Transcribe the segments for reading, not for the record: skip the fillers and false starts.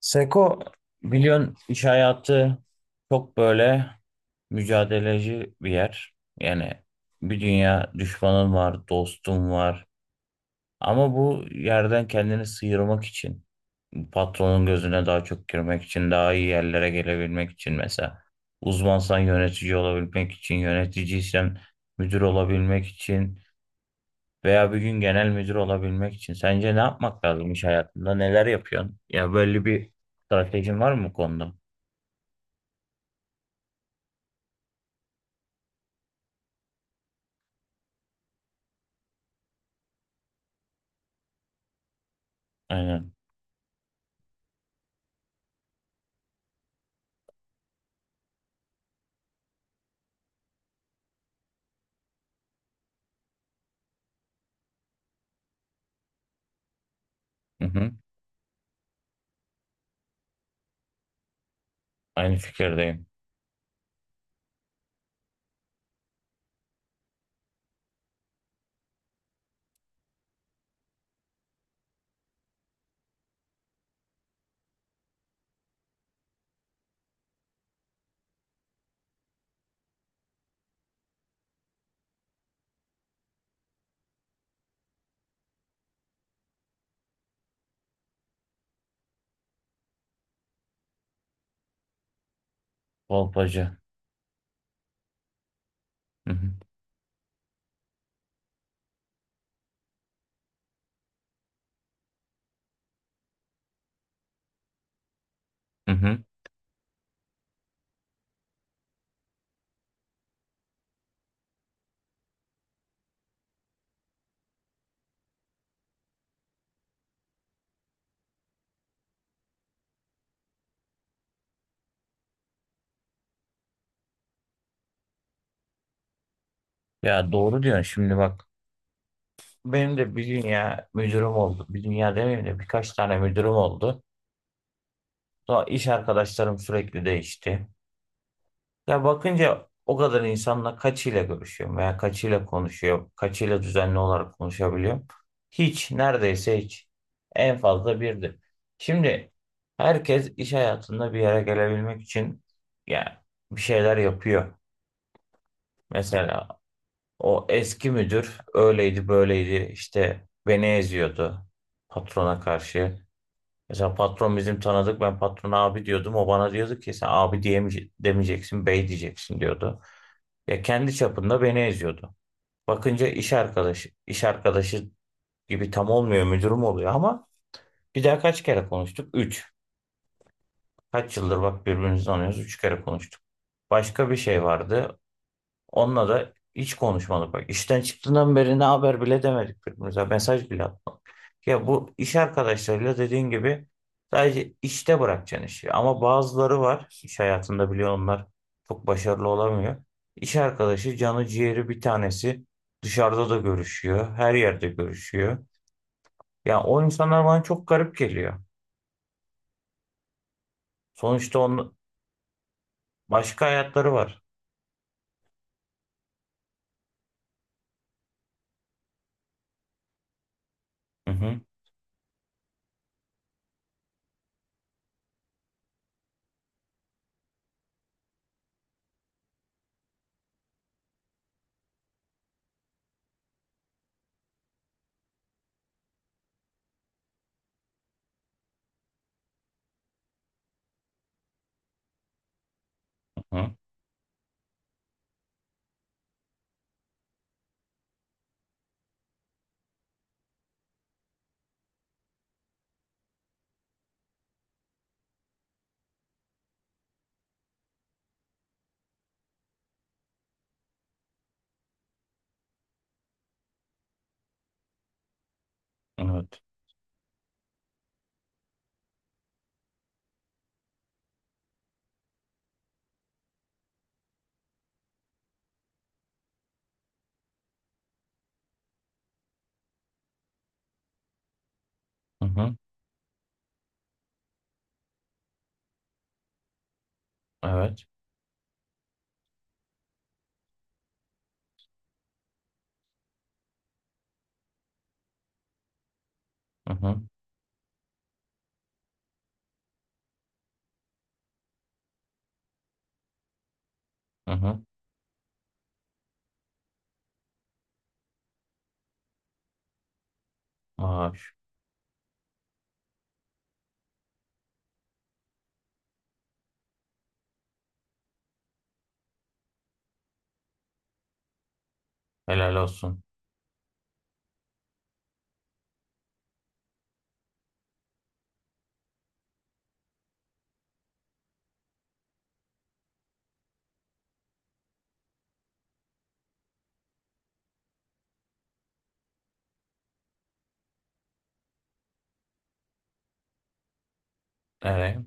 Seko biliyorsun iş hayatı çok böyle mücadeleci bir yer. Yani bir dünya düşmanın var, dostun var. Ama bu yerden kendini sıyırmak için, patronun gözüne daha çok girmek için, daha iyi yerlere gelebilmek için mesela. Uzmansan yönetici olabilmek için, yöneticiysen müdür olabilmek için veya bir gün genel müdür olabilmek için. Sence ne yapmak lazım iş hayatında? Neler yapıyorsun? Ya böyle bir stratejin var mı bu konuda? Aynen. Hı hı. Aynı fikirdeyim. Kolpacı. Hı hı. Hı hı. Ya doğru diyorsun şimdi bak. Benim de bir dünya müdürüm oldu. Bir dünya demeyeyim de birkaç tane müdürüm oldu. Sonra iş arkadaşlarım sürekli değişti. Ya bakınca o kadar insanla kaçıyla görüşüyorum veya kaçıyla konuşuyorum. Kaçıyla düzenli olarak konuşabiliyorum. Hiç, neredeyse hiç. En fazla birdir. Şimdi herkes iş hayatında bir yere gelebilmek için ya bir şeyler yapıyor. Mesela o eski müdür öyleydi böyleydi işte beni eziyordu patrona karşı. Mesela patron bizim tanıdık, ben patrona abi diyordum, o bana diyordu ki sen abi diyemeyeceksin, demeyeceksin, bey diyeceksin diyordu. Ya kendi çapında beni eziyordu. Bakınca iş arkadaşı gibi tam olmuyor, müdürüm oluyor ama bir daha kaç kere konuştuk? Üç. Kaç yıldır bak birbirimizi tanıyoruz, üç kere konuştuk. Başka bir şey vardı. Onunla da hiç konuşmadık. Bak işten çıktığından beri ne haber bile demedik birbirimize. Mesaj bile atmadık. Ya bu iş arkadaşlarıyla dediğin gibi sadece işte bırakacaksın işi. Ama bazıları var iş hayatında, biliyor onlar çok başarılı olamıyor. İş arkadaşı canı ciğeri bir tanesi, dışarıda da görüşüyor. Her yerde görüşüyor. Ya o insanlar bana çok garip geliyor. Sonuçta onun başka hayatları var. Hı hı, hı hı, evet. Hı hı, evet. Hı hı, hı hı. Aa, helal olsun. Evet.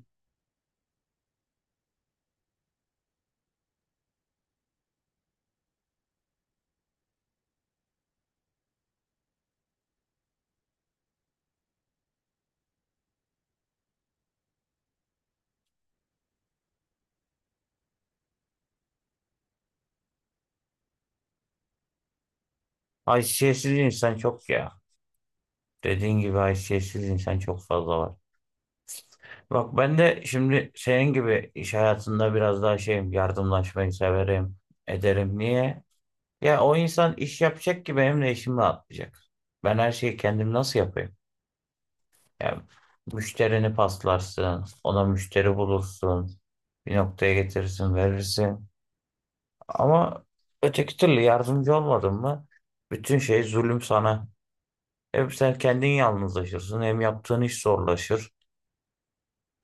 Haysiyetsiz insan çok ya. Dediğin gibi haysiyetsiz insan çok fazla var. Bak ben de şimdi senin gibi iş hayatında biraz daha şeyim, yardımlaşmayı severim, ederim. Niye? Ya o insan iş yapacak ki benim de işim rahatlayacak. Ben her şeyi kendim nasıl yapayım? Ya müşterini paslarsın, ona müşteri bulursun, bir noktaya getirirsin, verirsin. Ama öteki türlü yardımcı olmadın mı? Bütün şey zulüm sana. Hep sen kendin yalnızlaşırsın. Hem yaptığın iş zorlaşır.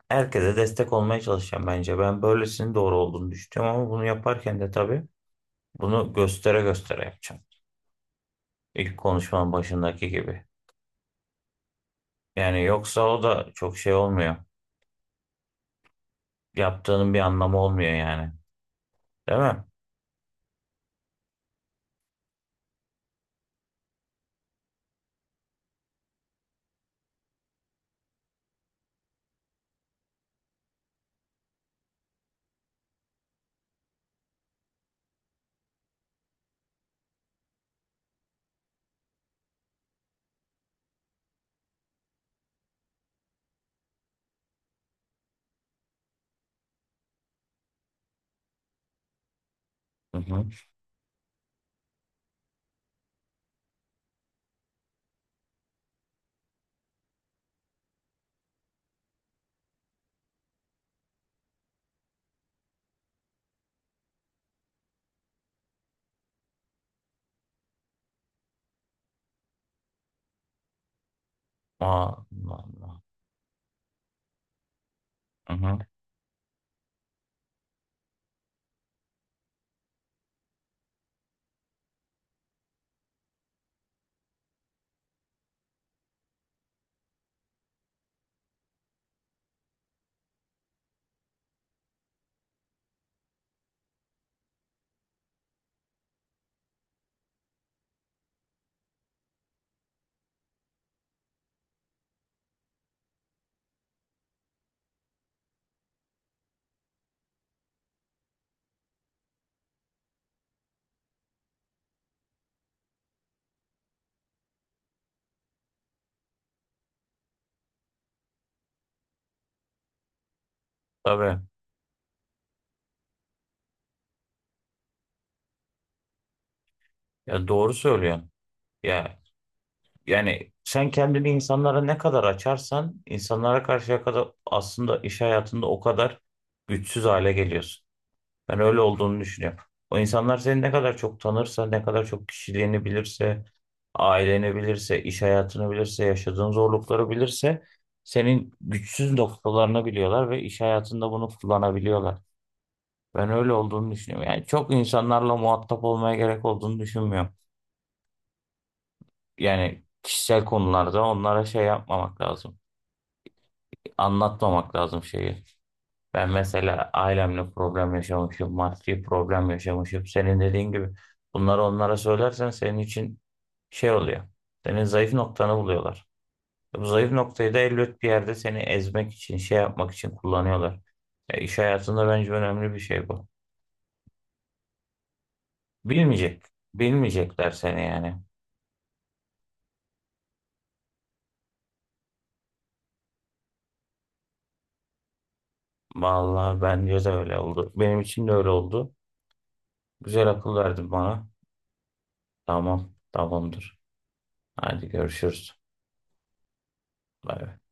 Herkese destek olmaya çalışacağım bence. Ben böylesinin doğru olduğunu düşünüyorum, ama bunu yaparken de tabii bunu göstere göstere yapacağım. İlk konuşmanın başındaki gibi. Yani yoksa o da çok şey olmuyor. Yaptığının bir anlamı olmuyor yani. Değil mi? Hı hı. Aa, Allah Allah. Hı hı. Tabii. Ya doğru söylüyorsun. Ya yani sen kendini insanlara ne kadar açarsan, insanlara karşıya kadar aslında iş hayatında o kadar güçsüz hale geliyorsun. Ben öyle olduğunu düşünüyorum. O insanlar seni ne kadar çok tanırsa, ne kadar çok kişiliğini bilirse, aileni bilirse, iş hayatını bilirse, yaşadığın zorlukları bilirse senin güçsüz noktalarını biliyorlar ve iş hayatında bunu kullanabiliyorlar. Ben öyle olduğunu düşünüyorum. Yani çok insanlarla muhatap olmaya gerek olduğunu düşünmüyorum. Yani kişisel konularda onlara şey yapmamak lazım, anlatmamak lazım şeyi. Ben mesela ailemle problem yaşamışım, maddi problem yaşamışım. Senin dediğin gibi bunları onlara söylersen senin için şey oluyor. Senin zayıf noktanı buluyorlar. E, bu zayıf noktayı da elbet bir yerde seni ezmek için, şey yapmak için kullanıyorlar. E, iş hayatında bence önemli bir şey bu. Bilmeyecek. Bilmeyecekler seni yani. Vallahi bence de öyle oldu. Benim için de öyle oldu. Güzel akıl verdin bana. Tamam, tamamdır. Hadi görüşürüz. Bay bay.